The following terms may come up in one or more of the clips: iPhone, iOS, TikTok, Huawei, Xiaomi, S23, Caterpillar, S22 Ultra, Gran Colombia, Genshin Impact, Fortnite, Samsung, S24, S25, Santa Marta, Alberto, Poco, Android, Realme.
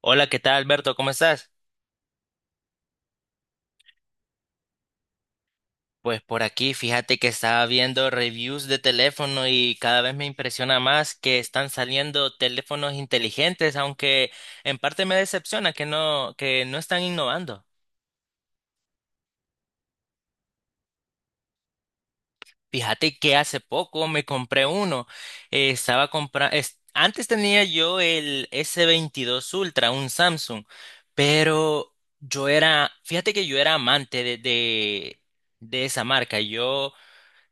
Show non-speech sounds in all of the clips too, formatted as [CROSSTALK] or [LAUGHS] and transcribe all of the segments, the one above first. Hola, ¿qué tal, Alberto? ¿Cómo estás? Pues por aquí, fíjate que estaba viendo reviews de teléfono y cada vez me impresiona más que están saliendo teléfonos inteligentes, aunque en parte me decepciona que no están innovando. Fíjate que hace poco me compré uno. Antes tenía yo el S22 Ultra, un Samsung, pero fíjate que yo era amante de esa marca. Yo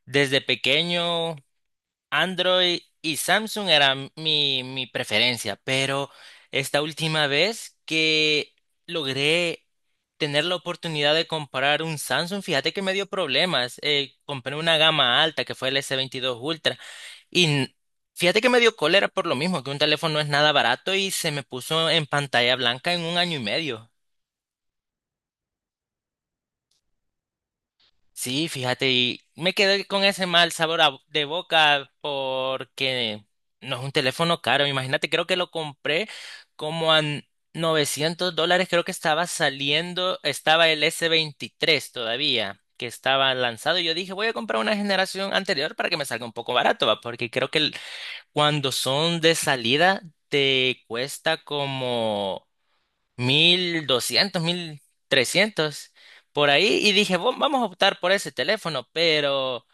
desde pequeño Android y Samsung era mi preferencia, pero esta última vez que logré tener la oportunidad de comprar un Samsung, fíjate que me dio problemas. Compré una gama alta que fue el S22 Ultra y n- fíjate que me dio cólera por lo mismo, que un teléfono no es nada barato y se me puso en pantalla blanca en un año y medio. Sí, fíjate, y me quedé con ese mal sabor de boca porque no es un teléfono caro. Imagínate, creo que lo compré como a $900. Creo que estaba saliendo, estaba el S23 todavía, que estaba lanzado. Y yo dije, voy a comprar una generación anterior para que me salga un poco barato, va, porque creo que cuando son de salida te cuesta como 1200, 1300 por ahí, y dije, Vamos a optar por ese teléfono", pero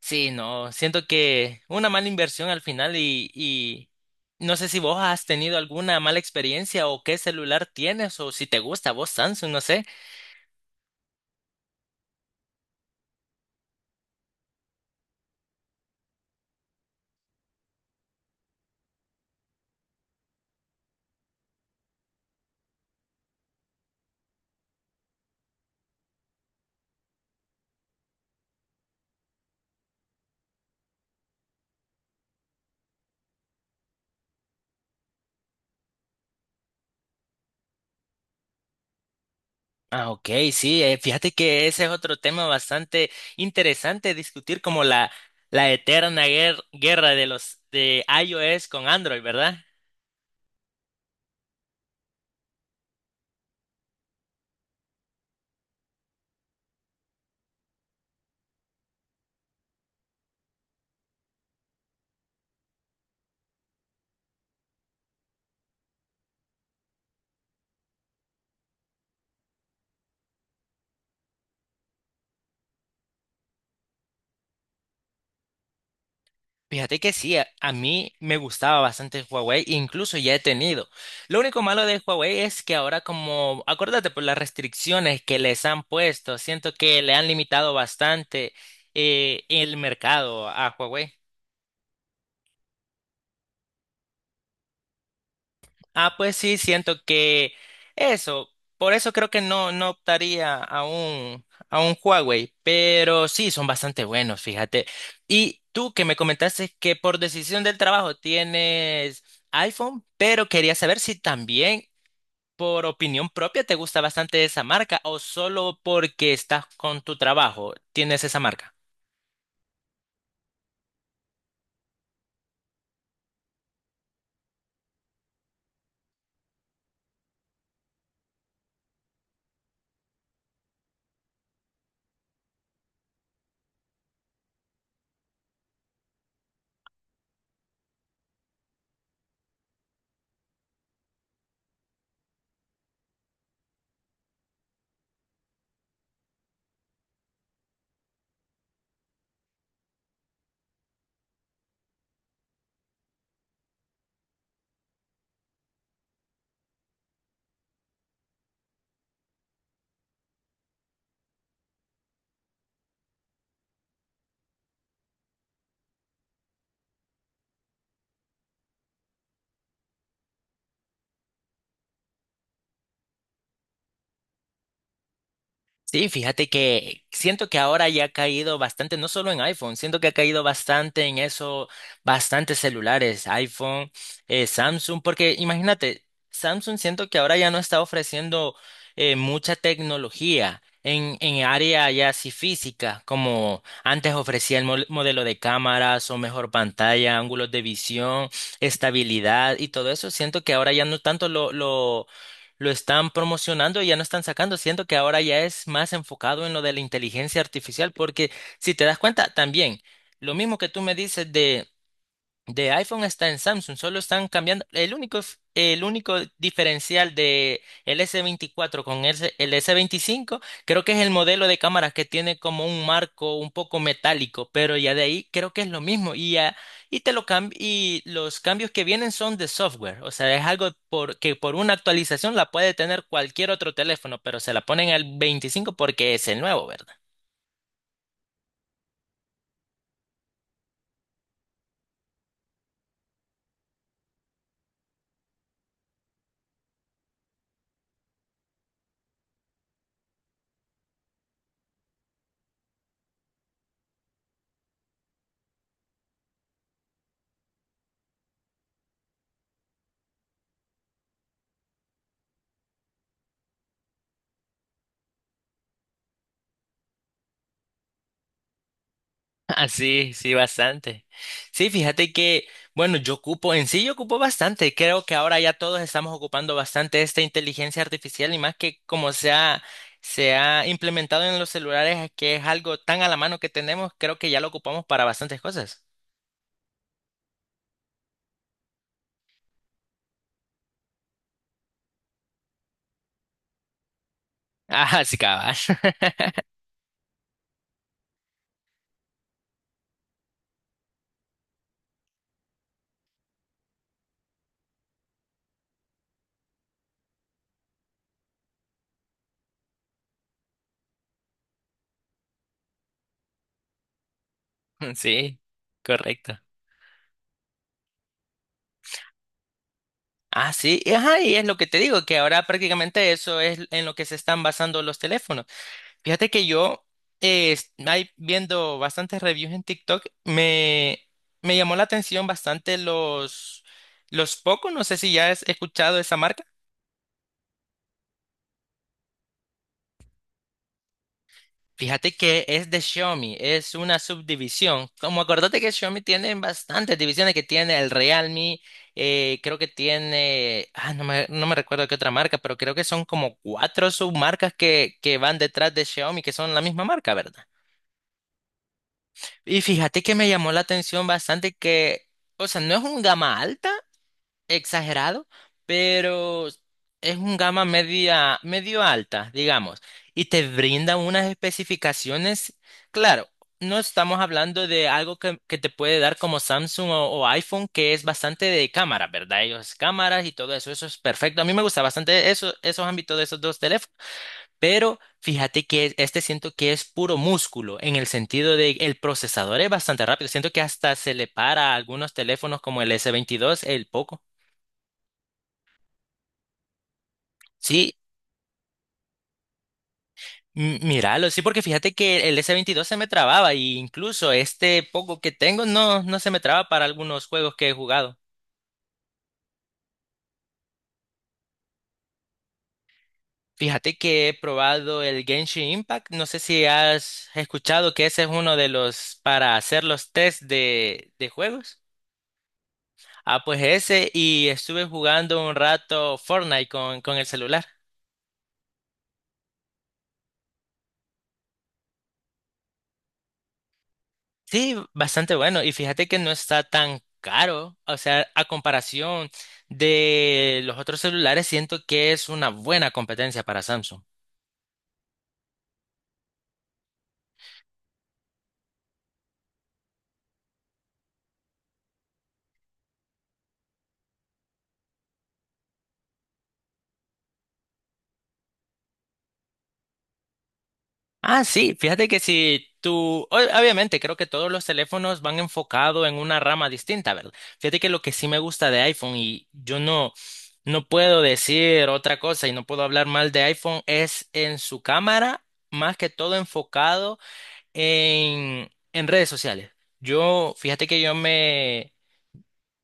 sí, no, siento que una mala inversión al final y no sé si vos has tenido alguna mala experiencia o qué celular tienes o si te gusta vos Samsung, no sé. Ah, ok, sí, fíjate que ese es otro tema bastante interesante discutir como la eterna guerra de los de iOS con Android, ¿verdad? Fíjate que sí, a mí me gustaba bastante Huawei, incluso ya he tenido. Lo único malo de Huawei es que ahora como, acuérdate, por las restricciones que les han puesto, siento que le han limitado bastante el mercado a Huawei. Ah, pues sí, siento que eso, por eso creo que no optaría a un Huawei, pero sí, son bastante buenos, fíjate. Y tú que me comentaste que por decisión del trabajo tienes iPhone, pero quería saber si también por opinión propia te gusta bastante esa marca o solo porque estás con tu trabajo tienes esa marca. Sí, fíjate que siento que ahora ya ha caído bastante, no solo en iPhone, siento que ha caído bastante en eso, bastantes celulares, iPhone, Samsung, porque imagínate, Samsung siento que ahora ya no está ofreciendo mucha tecnología en área ya así física, como antes ofrecía el modelo de cámaras o mejor pantalla, ángulos de visión, estabilidad y todo eso. Siento que ahora ya no tanto lo están promocionando y ya no están sacando. Siento que ahora ya es más enfocado en lo de la inteligencia artificial, porque si te das cuenta, también lo mismo que tú me dices de iPhone está en Samsung, solo están cambiando. El único diferencial de el S24 con el S25, creo que es el modelo de cámara que tiene como un marco un poco metálico, pero ya de ahí creo que es lo mismo. Y los cambios que vienen son de software. O sea, es algo que por una actualización la puede tener cualquier otro teléfono, pero se la ponen al 25 porque es el nuevo, ¿verdad? Ah, sí, sí, bastante. Sí, fíjate que, bueno, en sí yo ocupo bastante. Creo que ahora ya todos estamos ocupando bastante esta inteligencia artificial y más que como se ha implementado en los celulares, es que es algo tan a la mano que tenemos, creo que ya lo ocupamos para bastantes cosas. [LAUGHS] Ah, sí, cabal. [LAUGHS] Sí, correcto. Ah, sí, y ajá, y es lo que te digo, que ahora prácticamente eso es en lo que se están basando los teléfonos. Fíjate que ahí viendo bastantes reviews en TikTok, me llamó la atención bastante los Poco, no sé si ya has escuchado esa marca. Fíjate que es de Xiaomi, es una subdivisión. Como acordate que Xiaomi tiene bastantes divisiones, que tiene el Realme, creo que tiene, no me recuerdo qué otra marca, pero creo que son como cuatro submarcas que van detrás de Xiaomi, que son la misma marca, ¿verdad? Y fíjate que me llamó la atención bastante que, o sea, no es un gama alta, exagerado, pero es un gama media, medio alta, digamos, y te brinda unas especificaciones. Claro, no estamos hablando de algo que te puede dar como Samsung o iPhone, que es bastante de cámara, ¿verdad? Ellos cámaras y todo eso, eso es perfecto. A mí me gusta bastante eso, esos ámbitos de esos dos teléfonos. Pero fíjate que este siento que es puro músculo, en el sentido de el procesador es bastante rápido. Siento que hasta se le para a algunos teléfonos como el S22, el Poco. Sí, míralo, sí, porque fíjate que el S22 se me trababa y incluso este Poco que tengo no se me traba para algunos juegos que he jugado. Fíjate que he probado el Genshin Impact. No sé si has escuchado que ese es uno de los para hacer los test de juegos. Ah, pues ese, y estuve jugando un rato Fortnite con el celular. Sí, bastante bueno, y fíjate que no está tan caro, o sea, a comparación de los otros celulares, siento que es una buena competencia para Samsung. Ah, sí, fíjate que si tú, obviamente creo que todos los teléfonos van enfocados en una rama distinta, ¿verdad? Fíjate que lo que sí me gusta de iPhone y yo no puedo decir otra cosa y no puedo hablar mal de iPhone es en su cámara, más que todo enfocado en redes sociales. Fíjate que yo me...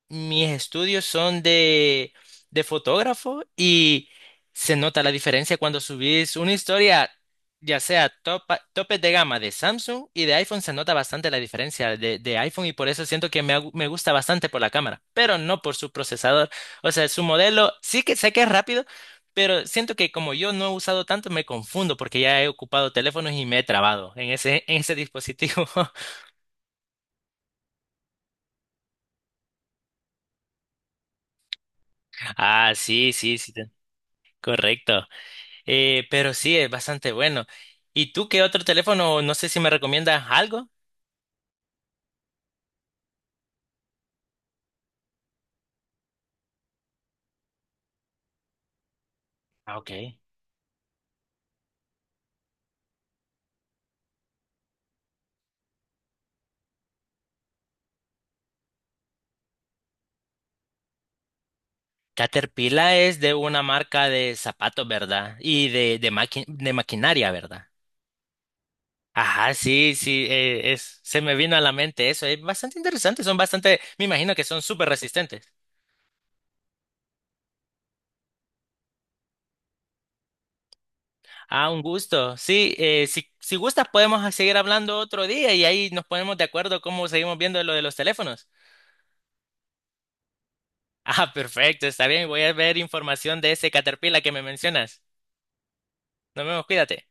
Mis estudios son de fotógrafo y se nota la diferencia cuando subís una historia, ya sea topes de gama de Samsung y de iPhone, se nota bastante la diferencia de iPhone y por eso siento que me gusta bastante por la cámara, pero no por su procesador. O sea, su modelo sí que sé que es rápido, pero siento que como yo no he usado tanto, me confundo porque ya he ocupado teléfonos y me he trabado en ese dispositivo. [LAUGHS] Ah, sí, sí, sí, correcto. Pero sí, es bastante bueno. ¿Y tú qué otro teléfono? No sé si me recomiendas algo. Ah, ok. Caterpillar es de una marca de zapatos, ¿verdad? Y de maquinaria, ¿verdad? Ajá, sí, sí, se me vino a la mente eso. Es bastante interesante, me imagino que son súper resistentes. Ah, un gusto. Sí, si gustas podemos seguir hablando otro día y ahí nos ponemos de acuerdo cómo seguimos viendo lo de los teléfonos. [LAUGHS] Ah, perfecto, está bien, voy a ver información de ese Caterpillar que me mencionas. Nos vemos, cuídate.